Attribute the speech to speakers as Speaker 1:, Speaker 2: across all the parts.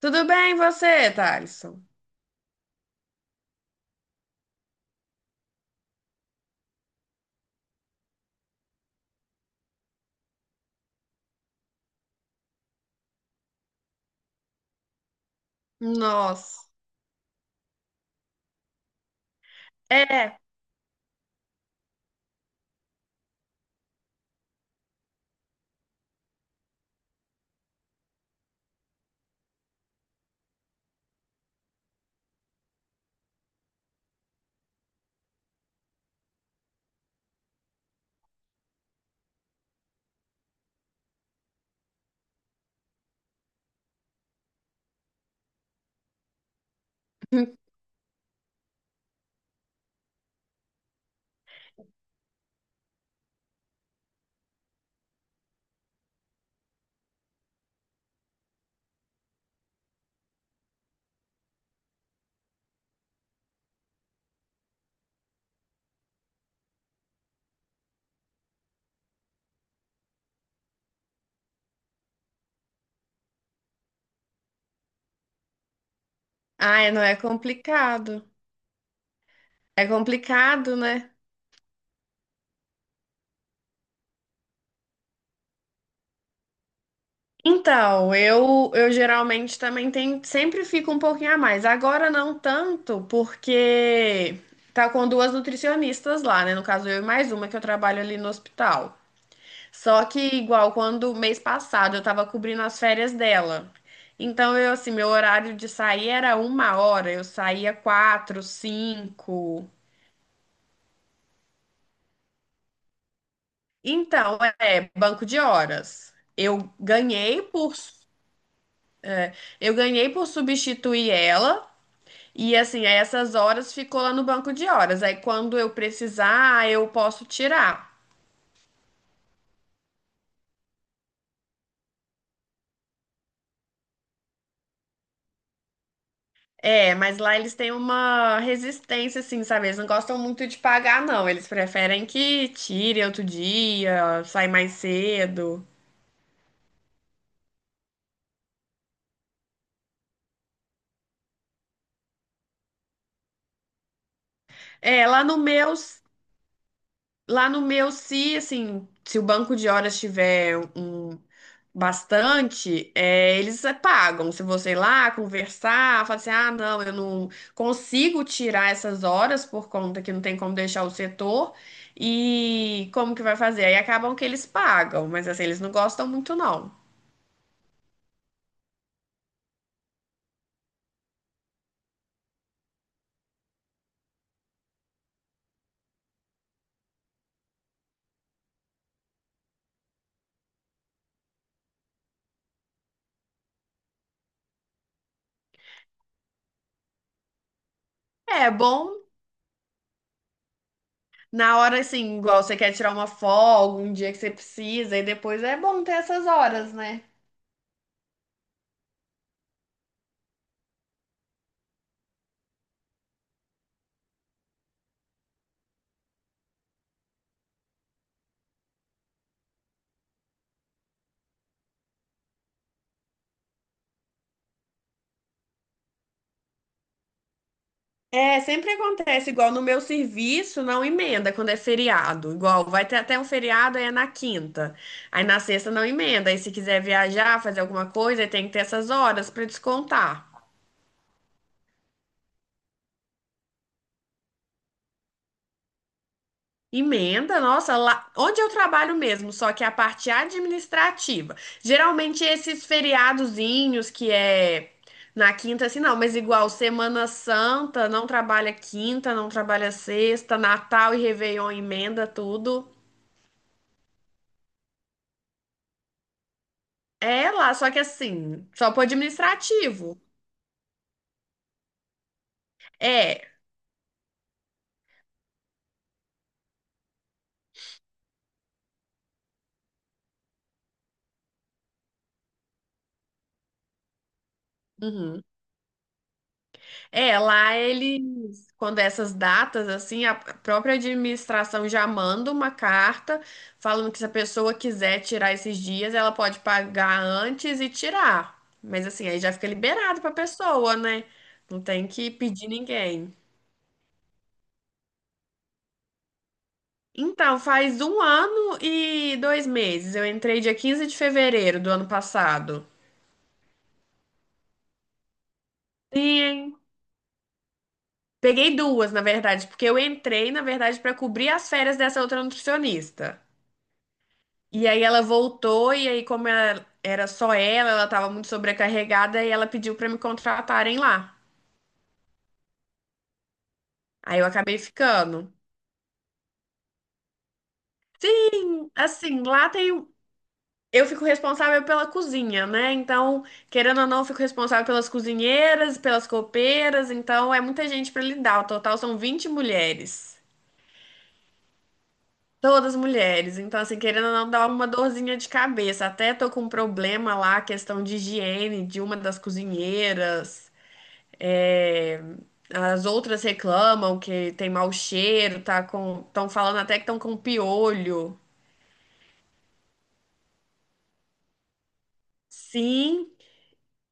Speaker 1: Tudo bem, você, Thalisson? Nossa. É. Ai, não é complicado. É complicado, né? Então, eu geralmente também tenho, sempre fico um pouquinho a mais. Agora não tanto, porque tá com duas nutricionistas lá, né? No caso, eu e mais uma que eu trabalho ali no hospital. Só que igual quando mês passado eu tava cobrindo as férias dela. Então, eu assim, meu horário de sair era uma hora, eu saía quatro, cinco. Então, é banco de horas. Eu ganhei por substituir ela e assim, aí essas horas ficou lá no banco de horas. Aí quando eu precisar, eu posso tirar. É, mas lá eles têm uma resistência assim, sabe? Eles não gostam muito de pagar não. Eles preferem que tire outro dia, sai mais cedo. É, lá no meu Lá no meu, se assim, se o banco de horas tiver um bastante, é, eles é, pagam. Se você ir lá conversar, falar assim, ah, não, eu não consigo tirar essas horas por conta que não tem como deixar o setor. E como que vai fazer? Aí acabam que eles pagam, mas assim, eles não gostam muito, não. É bom na hora, assim, igual você quer tirar uma folga, um dia que você precisa, e depois é bom ter essas horas, né? É, sempre acontece, igual no meu serviço, não emenda quando é feriado. Igual, vai ter até um feriado, aí é na quinta. Aí na sexta não emenda. Aí se quiser viajar, fazer alguma coisa, aí tem que ter essas horas para descontar. Emenda, nossa, lá onde eu trabalho mesmo, só que é a parte administrativa. Geralmente esses feriadozinhos que é na quinta, assim, não, mas igual Semana Santa, não trabalha quinta, não trabalha sexta, Natal e Réveillon emenda tudo. É lá, só que assim, só pro administrativo. É. Uhum. É, lá eles, quando essas datas, assim, a própria administração já manda uma carta falando que se a pessoa quiser tirar esses dias, ela pode pagar antes e tirar. Mas assim, aí já fica liberado pra pessoa, né? Não tem que pedir ninguém. Então, faz 1 ano e 2 meses. Eu entrei dia 15 de fevereiro do ano passado. Sim, peguei duas, na verdade, porque eu entrei, na verdade, para cobrir as férias dessa outra nutricionista. E aí ela voltou, e aí, como era só ela, ela estava muito sobrecarregada, e ela pediu para me contratarem lá. Aí eu acabei ficando. Assim, eu fico responsável pela cozinha, né? Então, querendo ou não, eu fico responsável pelas cozinheiras, pelas copeiras, então é muita gente para lidar. O total são 20 mulheres. Todas mulheres. Então, assim, querendo ou não, dá uma dorzinha de cabeça. Até tô com um problema lá, questão de higiene de uma das cozinheiras. É, as outras reclamam que tem mau cheiro, tá com... Estão falando até que estão com piolho. Sim,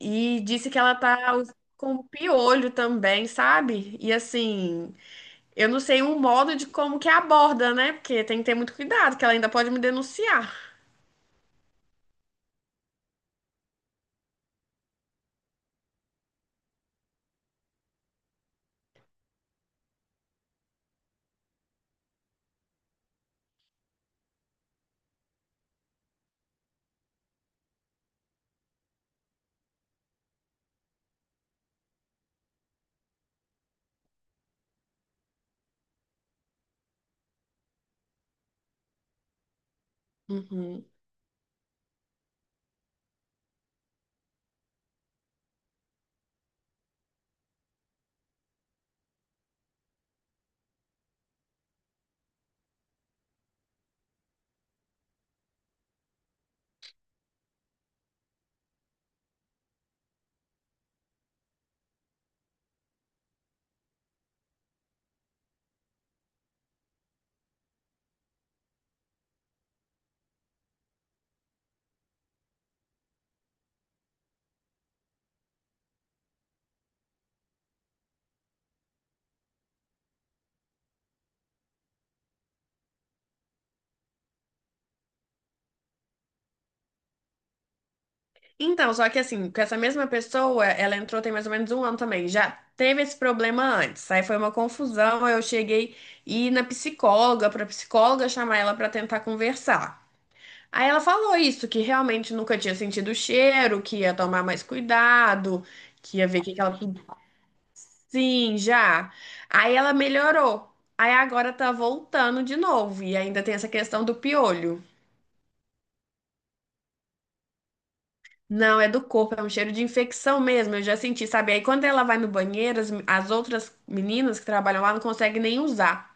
Speaker 1: e disse que ela tá com piolho também, sabe? E assim, eu não sei um modo de como que aborda, né? Porque tem que ter muito cuidado, que ela ainda pode me denunciar. Uhum. Então, só que assim, com essa mesma pessoa, ela entrou tem mais ou menos um ano também. Já teve esse problema antes. Aí foi uma confusão. Aí Eu cheguei e ir na psicóloga, pra psicóloga chamar ela pra tentar conversar. Aí ela falou isso, que realmente nunca tinha sentido o cheiro, que ia tomar mais cuidado, que ia ver o que que ela. Sim, já. Aí ela melhorou. Aí agora tá voltando de novo. E ainda tem essa questão do piolho. Não, é do corpo, é um cheiro de infecção mesmo, eu já senti, sabe? Aí quando ela vai no banheiro, as outras meninas que trabalham lá não conseguem nem usar.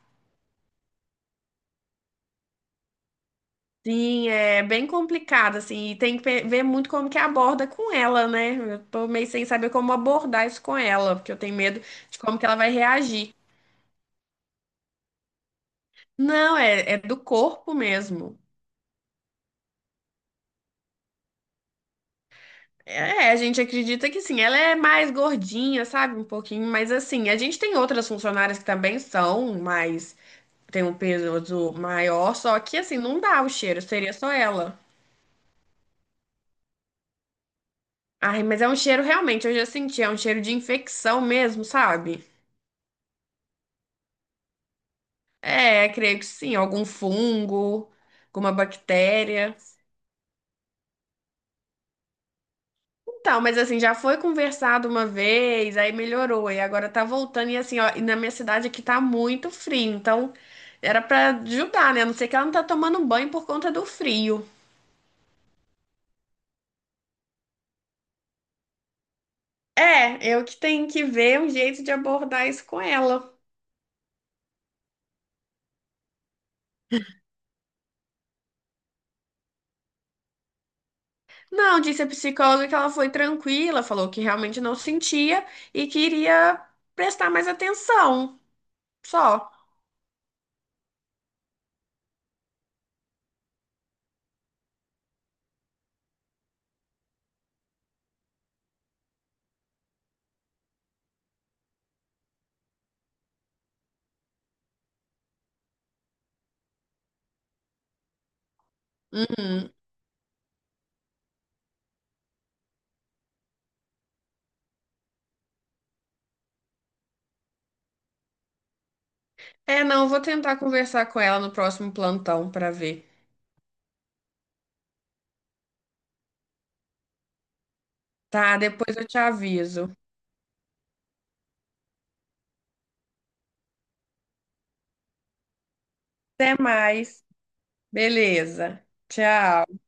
Speaker 1: Sim, é bem complicado, assim, e tem que ver muito como que aborda com ela, né? Eu tô meio sem saber como abordar isso com ela, porque eu tenho medo de como que ela vai reagir. Não, é, é do corpo mesmo. É, é, a gente acredita que sim, ela é mais gordinha, sabe? Um pouquinho, mas assim, a gente tem outras funcionárias que também são mais tem um peso maior, só que assim, não dá o cheiro, seria só ela. Ai, mas é um cheiro realmente, eu já senti, é um cheiro de infecção mesmo, sabe? É, creio que sim, algum fungo, alguma bactéria. Então, mas assim, já foi conversado uma vez, aí melhorou, e agora tá voltando, e assim, ó, e na minha cidade aqui tá muito frio, então era pra ajudar, né? A não ser que ela não tá tomando banho por conta do frio. É, eu que tenho que ver um jeito de abordar isso com ela. Não, disse a psicóloga que ela foi tranquila, falou que realmente não sentia e queria prestar mais atenção. Só. Uhum. É, não, vou tentar conversar com ela no próximo plantão para ver. Tá, depois eu te aviso. Até mais. Beleza. Tchau.